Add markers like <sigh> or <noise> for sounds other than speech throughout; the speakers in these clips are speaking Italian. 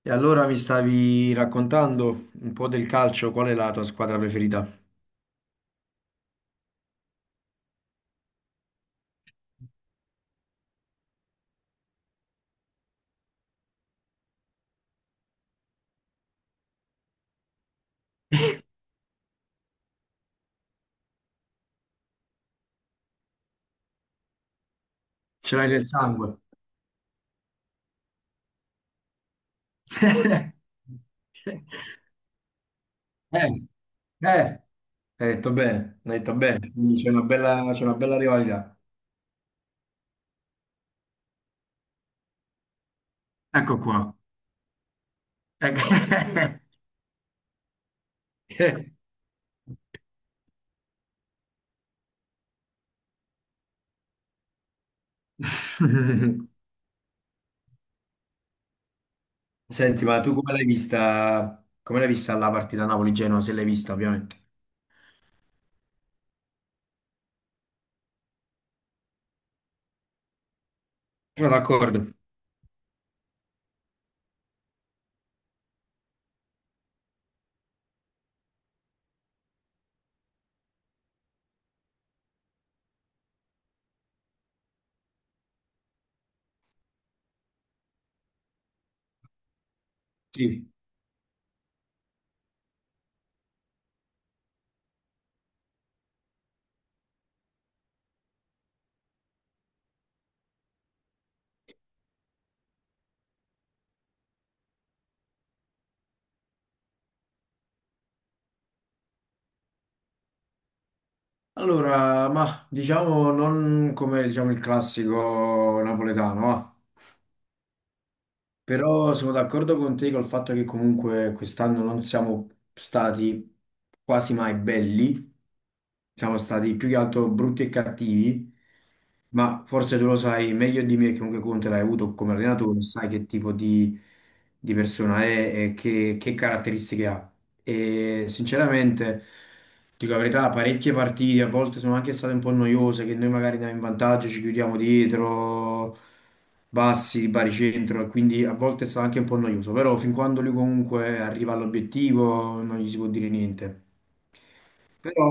E allora mi stavi raccontando un po' del calcio, qual è la tua squadra preferita? Ce l'hai nel sangue. <laughs> Eh, eh, hai detto bene, hai detto bene. Quindi c'è una bella, c'è una bella rivalità. Ecco qua. Eh. <laughs> Senti, ma tu come l'hai vista la partita Napoli-Genoa? Se l'hai vista, ovviamente. Sono d'accordo. Sì. Allora, ma diciamo non come diciamo, il classico napoletano, va. Però sono d'accordo con te col fatto che comunque quest'anno non siamo stati quasi mai belli, siamo stati più che altro brutti e cattivi, ma forse tu lo sai meglio di me, che comunque Conte l'hai avuto come allenatore, sai che tipo di persona è e che caratteristiche ha. E sinceramente, dico la verità, parecchie partite a volte sono anche state un po' noiose, che noi magari andiamo in vantaggio, ci chiudiamo dietro, bassi, baricentro, e quindi a volte è stato anche un po' noioso, però fin quando lui comunque arriva all'obiettivo non gli si può dire niente. Però,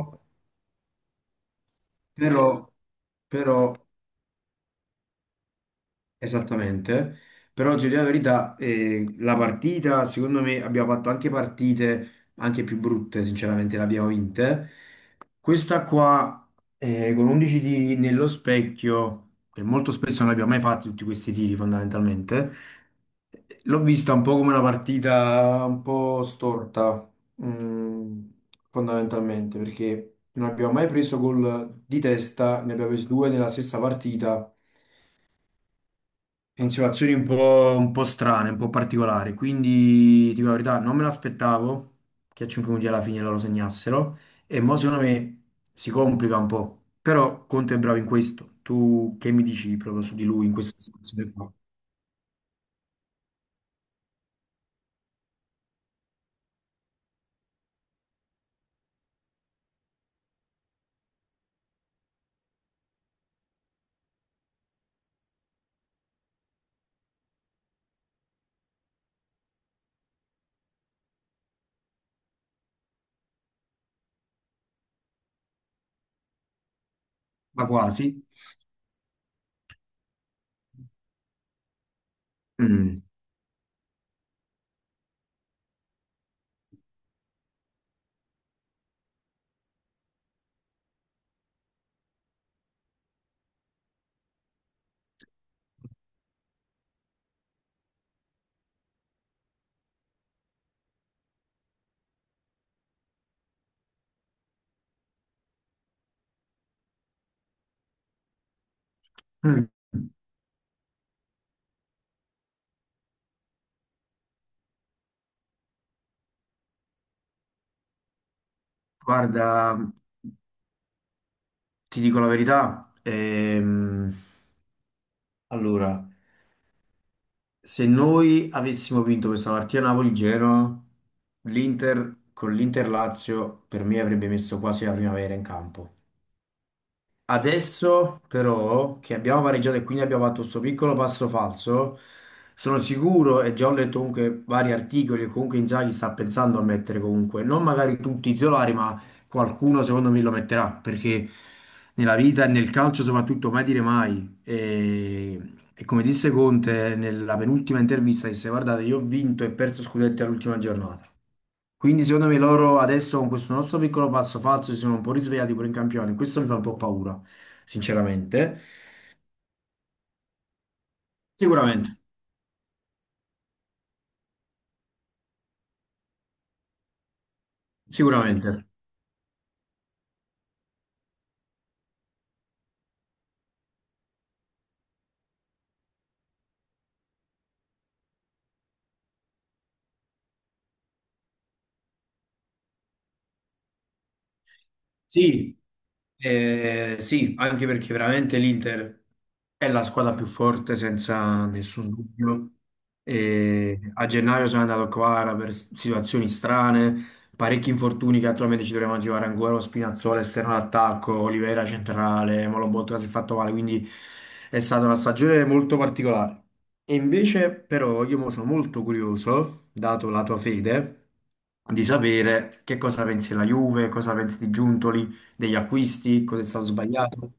però, però, esattamente, però ti dico la verità, la partita, secondo me, abbiamo fatto anche partite anche più brutte, sinceramente, le abbiamo vinte. Questa qua, con 11 tiri nello specchio, e molto spesso non abbiamo mai fatto tutti questi tiri fondamentalmente, l'ho vista un po' come una partita un po' storta, mm, fondamentalmente, perché non abbiamo mai preso gol di testa, ne abbiamo presi due nella stessa partita in situazioni un po' strane, un po' particolari. Quindi, dico la verità, non me l'aspettavo che a 5 minuti alla fine loro segnassero. E mo' secondo me si complica un po'. Però Conte è bravo in questo. Tu che mi dici proprio su di lui in questa situazione qua? Ma quasi. Mm. Mm. Guarda, ti dico la verità. Allora. Se noi avessimo vinto questa partita Napoli-Genoa, l'Inter con l'Inter-Lazio per me avrebbe messo quasi la primavera in campo. Adesso però che abbiamo pareggiato e quindi abbiamo fatto questo piccolo passo falso, sono sicuro e già ho letto comunque vari articoli, e comunque Inzaghi sta pensando a mettere comunque, non magari tutti i titolari, ma qualcuno secondo me lo metterà, perché nella vita e nel calcio soprattutto mai dire mai. E come disse Conte nella penultima intervista, disse guardate, io ho vinto e perso scudetti all'ultima giornata. Quindi secondo me loro adesso con questo nostro piccolo passo falso si sono un po' risvegliati pure in campione. Questo mi fa un po' paura, sinceramente. Sicuramente, sicuramente. Sì, sì, anche perché veramente l'Inter è la squadra più forte senza nessun dubbio. E a gennaio sono andato qua per situazioni strane. Parecchi infortuni che attualmente ci dovremmo aggirare ancora, lo Spinazzola esterno d'attacco, Oliveira centrale, Molobotka si è fatto male, quindi è stata una stagione molto particolare. E invece però io mo sono molto curioso, dato la tua fede, di sapere che cosa pensi della Juve, cosa pensi di Giuntoli, degli acquisti, cosa è stato sbagliato.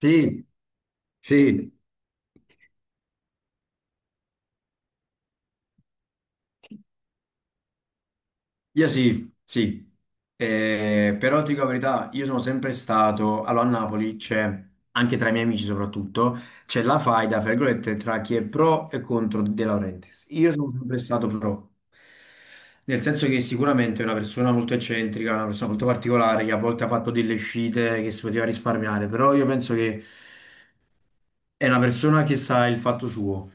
Sì, sì. Io sì, sì, eh, però ti dico la verità, io sono sempre stato, allora a Napoli c'è, anche tra i miei amici soprattutto, c'è la faida, fra virgolette, tra chi è pro e contro De Laurentiis. Io sono sempre stato pro, nel senso che sicuramente è una persona molto eccentrica, una persona molto particolare, che a volte ha fatto delle uscite che si poteva risparmiare, però io penso che è una persona che sa il fatto suo.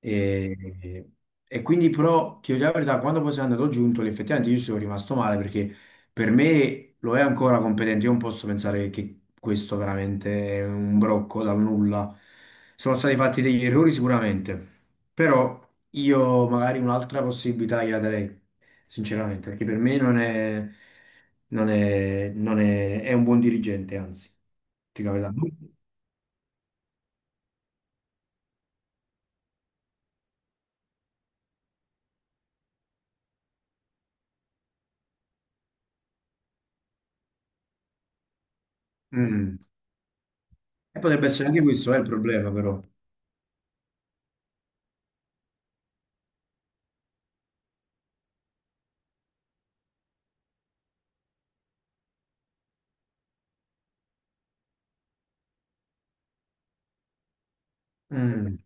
E, e quindi però ti voglio dire la verità, quando poi sei andato giunto, effettivamente io ci sono rimasto male perché per me lo è ancora competente, io non posso pensare che questo veramente è un brocco dal nulla. Sono stati fatti degli errori sicuramente, però io magari un'altra possibilità gliela darei, sinceramente, perché per me non è, è un buon dirigente, anzi, ti dico la verità. Mm. E potrebbe essere anche questo, è il problema però. Mm,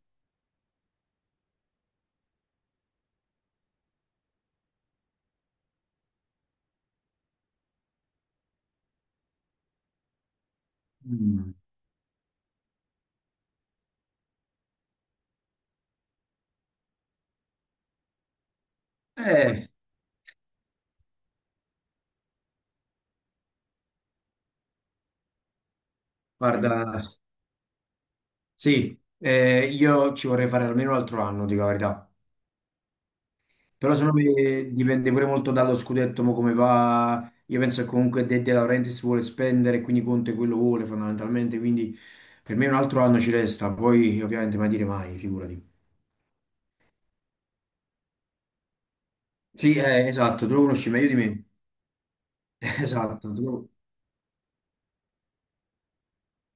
mm. Eh, guarda, sì, io ci vorrei fare almeno un altro anno, dico la verità. Però secondo me dipende pure molto dallo scudetto, mo come va. Io penso che comunque De Laurentiis vuole spendere, quindi Conte quello vuole fondamentalmente, quindi per me un altro anno ci resta, poi ovviamente mai dire mai, figurati. Sì, esatto, tu lo conosci meglio di me. <laughs> Esatto, tu-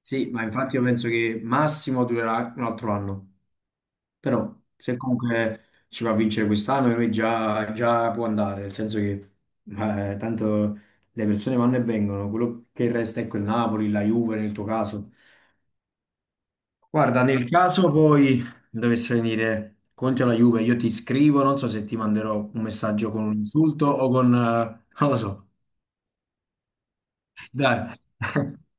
sì, ma infatti io penso che massimo durerà un altro anno. Però se comunque ci va a vincere quest'anno, lui già può andare, nel senso che tanto le persone vanno e vengono, quello che resta è quel Napoli, la Juve nel tuo caso. Guarda, nel caso poi dovesse venire Conte alla Juve, io ti scrivo, non so se ti manderò un messaggio con un insulto o con... non lo so. Dai. <laughs>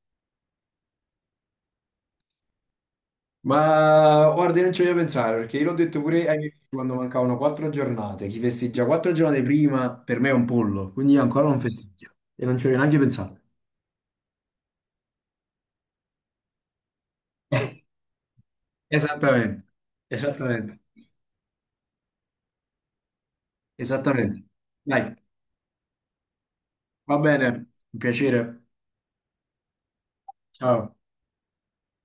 Ma guarda, io non ci voglio pensare perché io l'ho detto pure ai miei amici quando mancavano 4 giornate. Chi festeggia quattro giornate prima per me è un pollo, quindi io ancora non festeggio e non ci voglio neanche pensare. <laughs> Esattamente, esattamente, esattamente. Dai, va bene, un piacere. Ciao.